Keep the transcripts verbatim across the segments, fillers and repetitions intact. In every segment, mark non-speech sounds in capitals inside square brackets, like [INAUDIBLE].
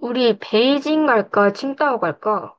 우리 베이징 갈까, 칭다오 갈까?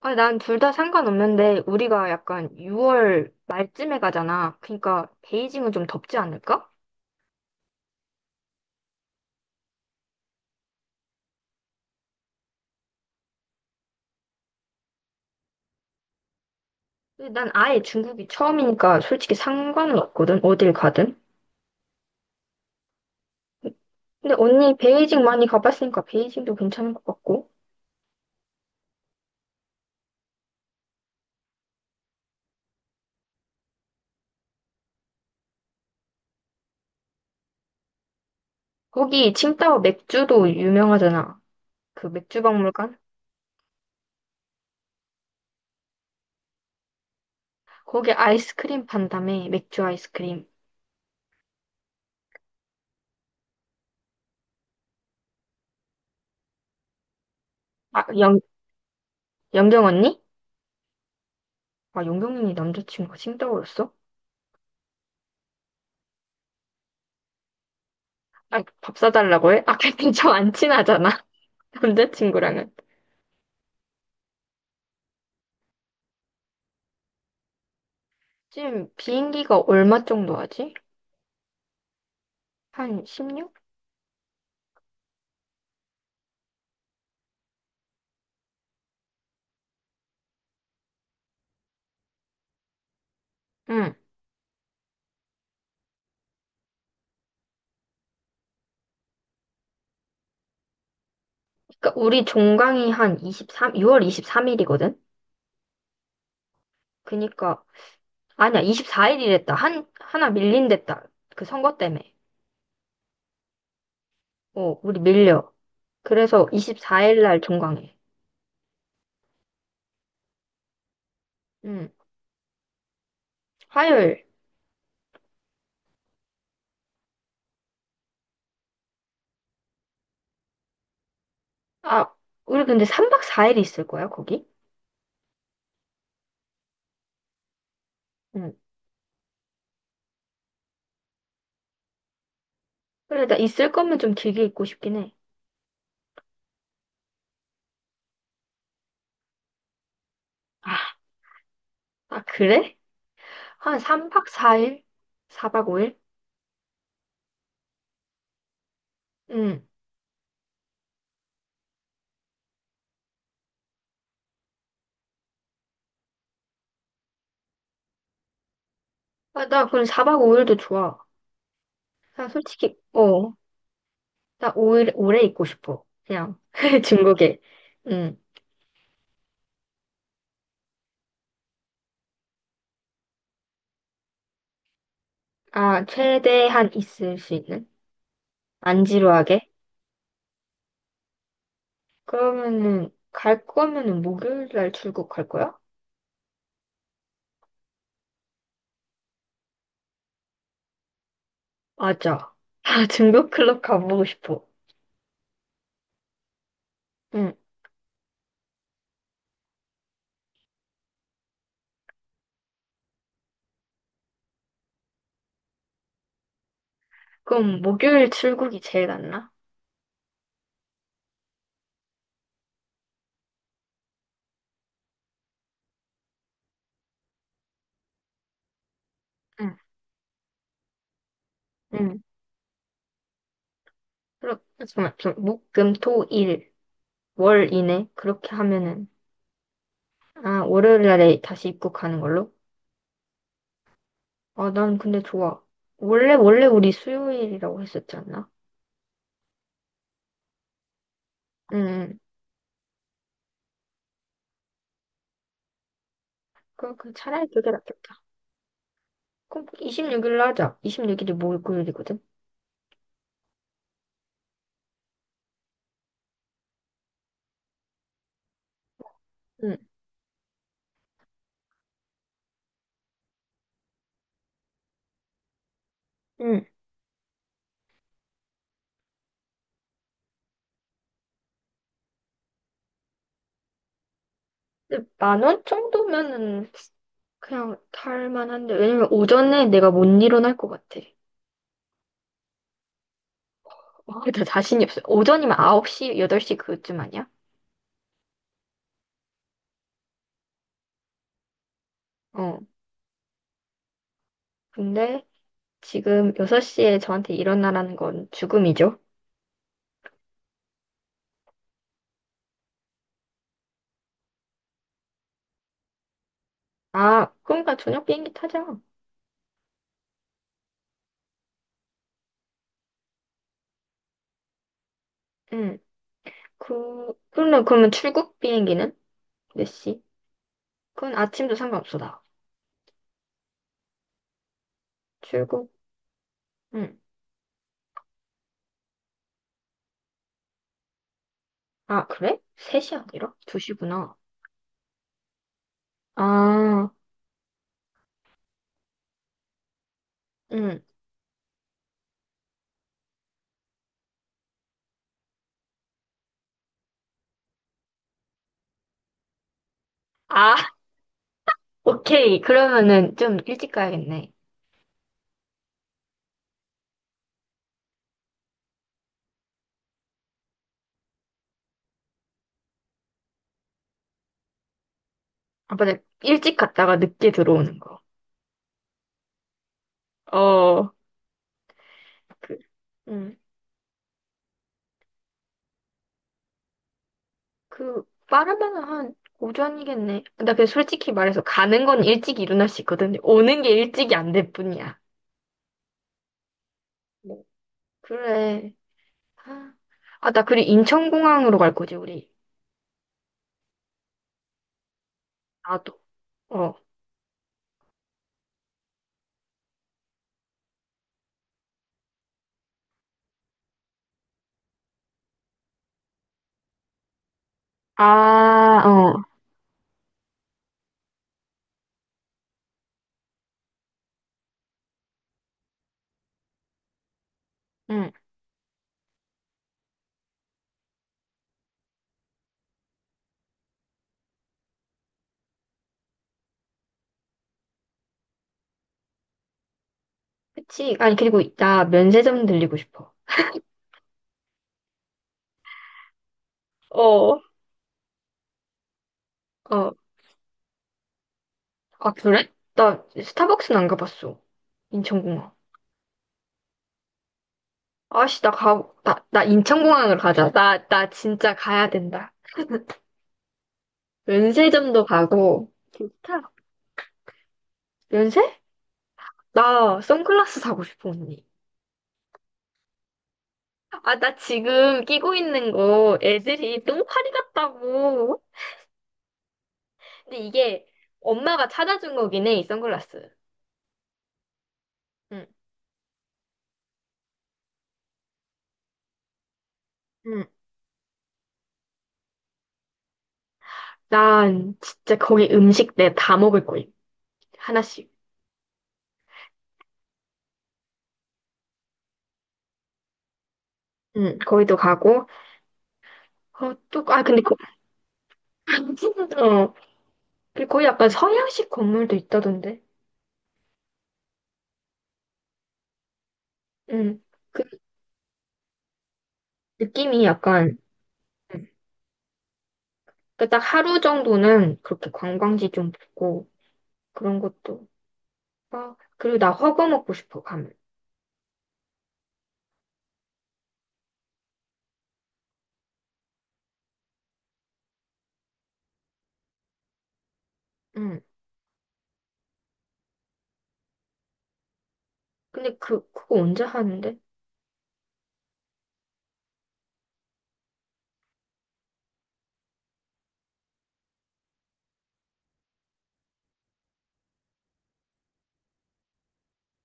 아, 난 둘 다 상관없는데 우리가 약간 유월 말쯤에 가잖아. 그러니까 베이징은 좀 덥지 않을까? 근데 난 아예 중국이 처음이니까 솔직히 상관은 없거든. 어딜 가든. 근데 언니 베이징 많이 가봤으니까 베이징도 괜찮을 것 같고. 거기 칭다오 맥주도 유명하잖아. 그 맥주 박물관? 거기 아이스크림 판다며 맥주 아이스크림. 아, 영, 영경 언니? 아, 영경 언니 남자친구가 칭다오였어? 아, 밥 사달라고 해? 아, 근데 좀안 친하잖아. [LAUGHS] 남자친구랑은. 지금 비행기가 얼마 정도 하지? 한 십육? 응. 그러니까 우리 종강이 한 이십삼, 유월 이십삼 일이거든? 그니까, 아니야, 이십사 일이랬다. 한, 하나 밀린댔다. 그 선거 때문에. 어, 우리 밀려. 그래서 이십사 일 날 종강해. 응. 화요일. 아, 우리 근데 삼 박 사 일 있을 거야, 거기? 응. 그래, 나 있을 거면 좀 길게 있고 싶긴 해. 아, 아, 그래? 한 삼 박 사 일? 사 박 오 일? 응. 아, 나 그럼 사 박 오 일도 좋아. 나 솔직히, 어. 나 오 일, 오래 있고 싶어. 그냥, [LAUGHS] 중국에. 응. 아, 최대한 있을 수 있는? 안 지루하게? 그러면은, 갈 거면은 목요일 날 출국 갈 거야? 맞아. 아, [LAUGHS] 중국 클럽 가보고 싶어. 응. 그럼 목요일 출국이 제일 낫나? 응. 응. 그럼 잠깐만, 좀, 목, 금, 토, 일, 월 이내? 그렇게 하면은, 아, 월요일 날에 다시 입국하는 걸로? 아, 난 근데 좋아. 원래, 원래 우리 수요일이라고 했었지 않나? 응, 응. 그, 그 차라리 그게 낫겠다. 그럼 이십육 일로 하자. 이십육 일이 목요일이거든? 응, 응. 근데 만 원 정도면은 그냥 탈 만한데, 왜냐면 오전에 내가 못 일어날 것 같아. 어, [LAUGHS] 나 자신이 없어. 오전이면 아홉 시, 여덟 시 그쯤 아니야? 어. 근데 지금 여섯 시에 저한테 일어나라는 건 죽음이죠? 아, 그러니까 저녁 비행기 타자. 응. 그, 그러면, 그러면 출국 비행기는? 몇 시? 그건 아침도 상관없어, 나. 출국, 응. 아, 그래? 세 시 아니라? 두 시구나. 아, 응. 아, [LAUGHS] 오케이. 그러면은 좀 일찍 가야겠네. 아, 맞아. 일찍 갔다가 늦게 들어오는 거. 어, 그, 응. 그, 빠르면 한 오전이겠네. 나 그냥 솔직히 말해서 가는 건 일찍 일어날 수 있거든. 오는 게 일찍이 안 될 뿐이야. 뭐, 그래. 아, 아, 나 그리고 인천공항으로 갈 거지, 우리. 나도. 어. 아, 어. 응. 그치. 아니, 그리고 나 면세점 들리고 싶어. 어. 어. 아, 그래? 나 스타벅스는 안 가봤어. 인천공항. 아씨, 나 가, 나, 나 인천공항을 가자. 나, 나 진짜 가야 된다. 면세점도 가고. 좋다 면세? 나 선글라스 사고 싶어, 언니. 아, 나 지금 끼고 있는 거 애들이 똥파리 같다고. 근데 이게 엄마가 찾아준 거긴 해, 이 선글라스. 응 응. 난 진짜 거기 음식 내 다 먹을 거야. 하나씩. 응, 거기도 가고. 어, 또, 아, 근데, 거, [LAUGHS] 어, 그리고 거기 약간 서양식 건물도 있다던데. 응, 그 느낌이 약간, 응. 그딱 하루 정도는 그렇게 관광지 좀 보고, 그런 것도. 아, 그리고 나 허거 먹고 싶어, 가면. 응. 근데 그, 그거 언제 하는데?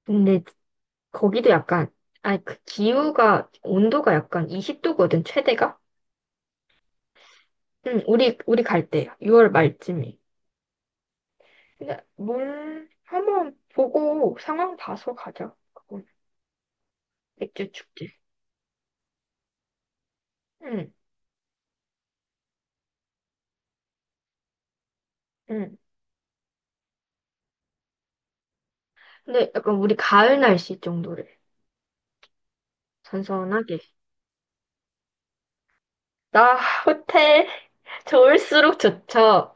근데 거기도 약간, 아, 그 기후가, 온도가 약간 이십 도거든, 최대가? 응, 우리, 우리 갈 때, 유월 말쯤에. 그냥 뭘 한번 보고 상황 봐서 가자. 그건 맥주 축제. 응, 응. 근데 약간 우리 가을 날씨 정도래. 선선하게. 나 호텔 [LAUGHS] 좋을수록 좋죠.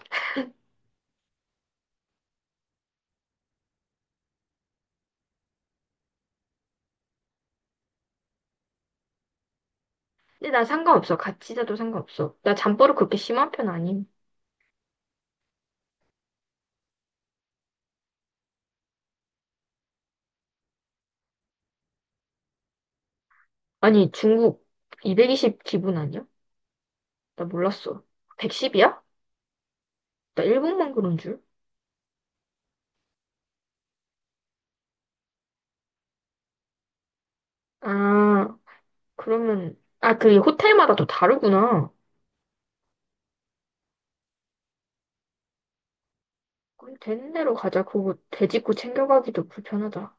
근데 나 상관없어. 같이 자도 상관없어. 나 잠버릇 그렇게 심한 편 아님. 아니, 중국 이백이십 기분 아니야? 나 몰랐어. 백십이야? 나 일본만 그런 줄? 아, 그러면, 아, 그 호텔마다 또 다르구나. 그럼 되는 대로 가자. 그거 되짚고 챙겨가기도 불편하다.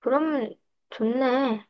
그러면 좋네.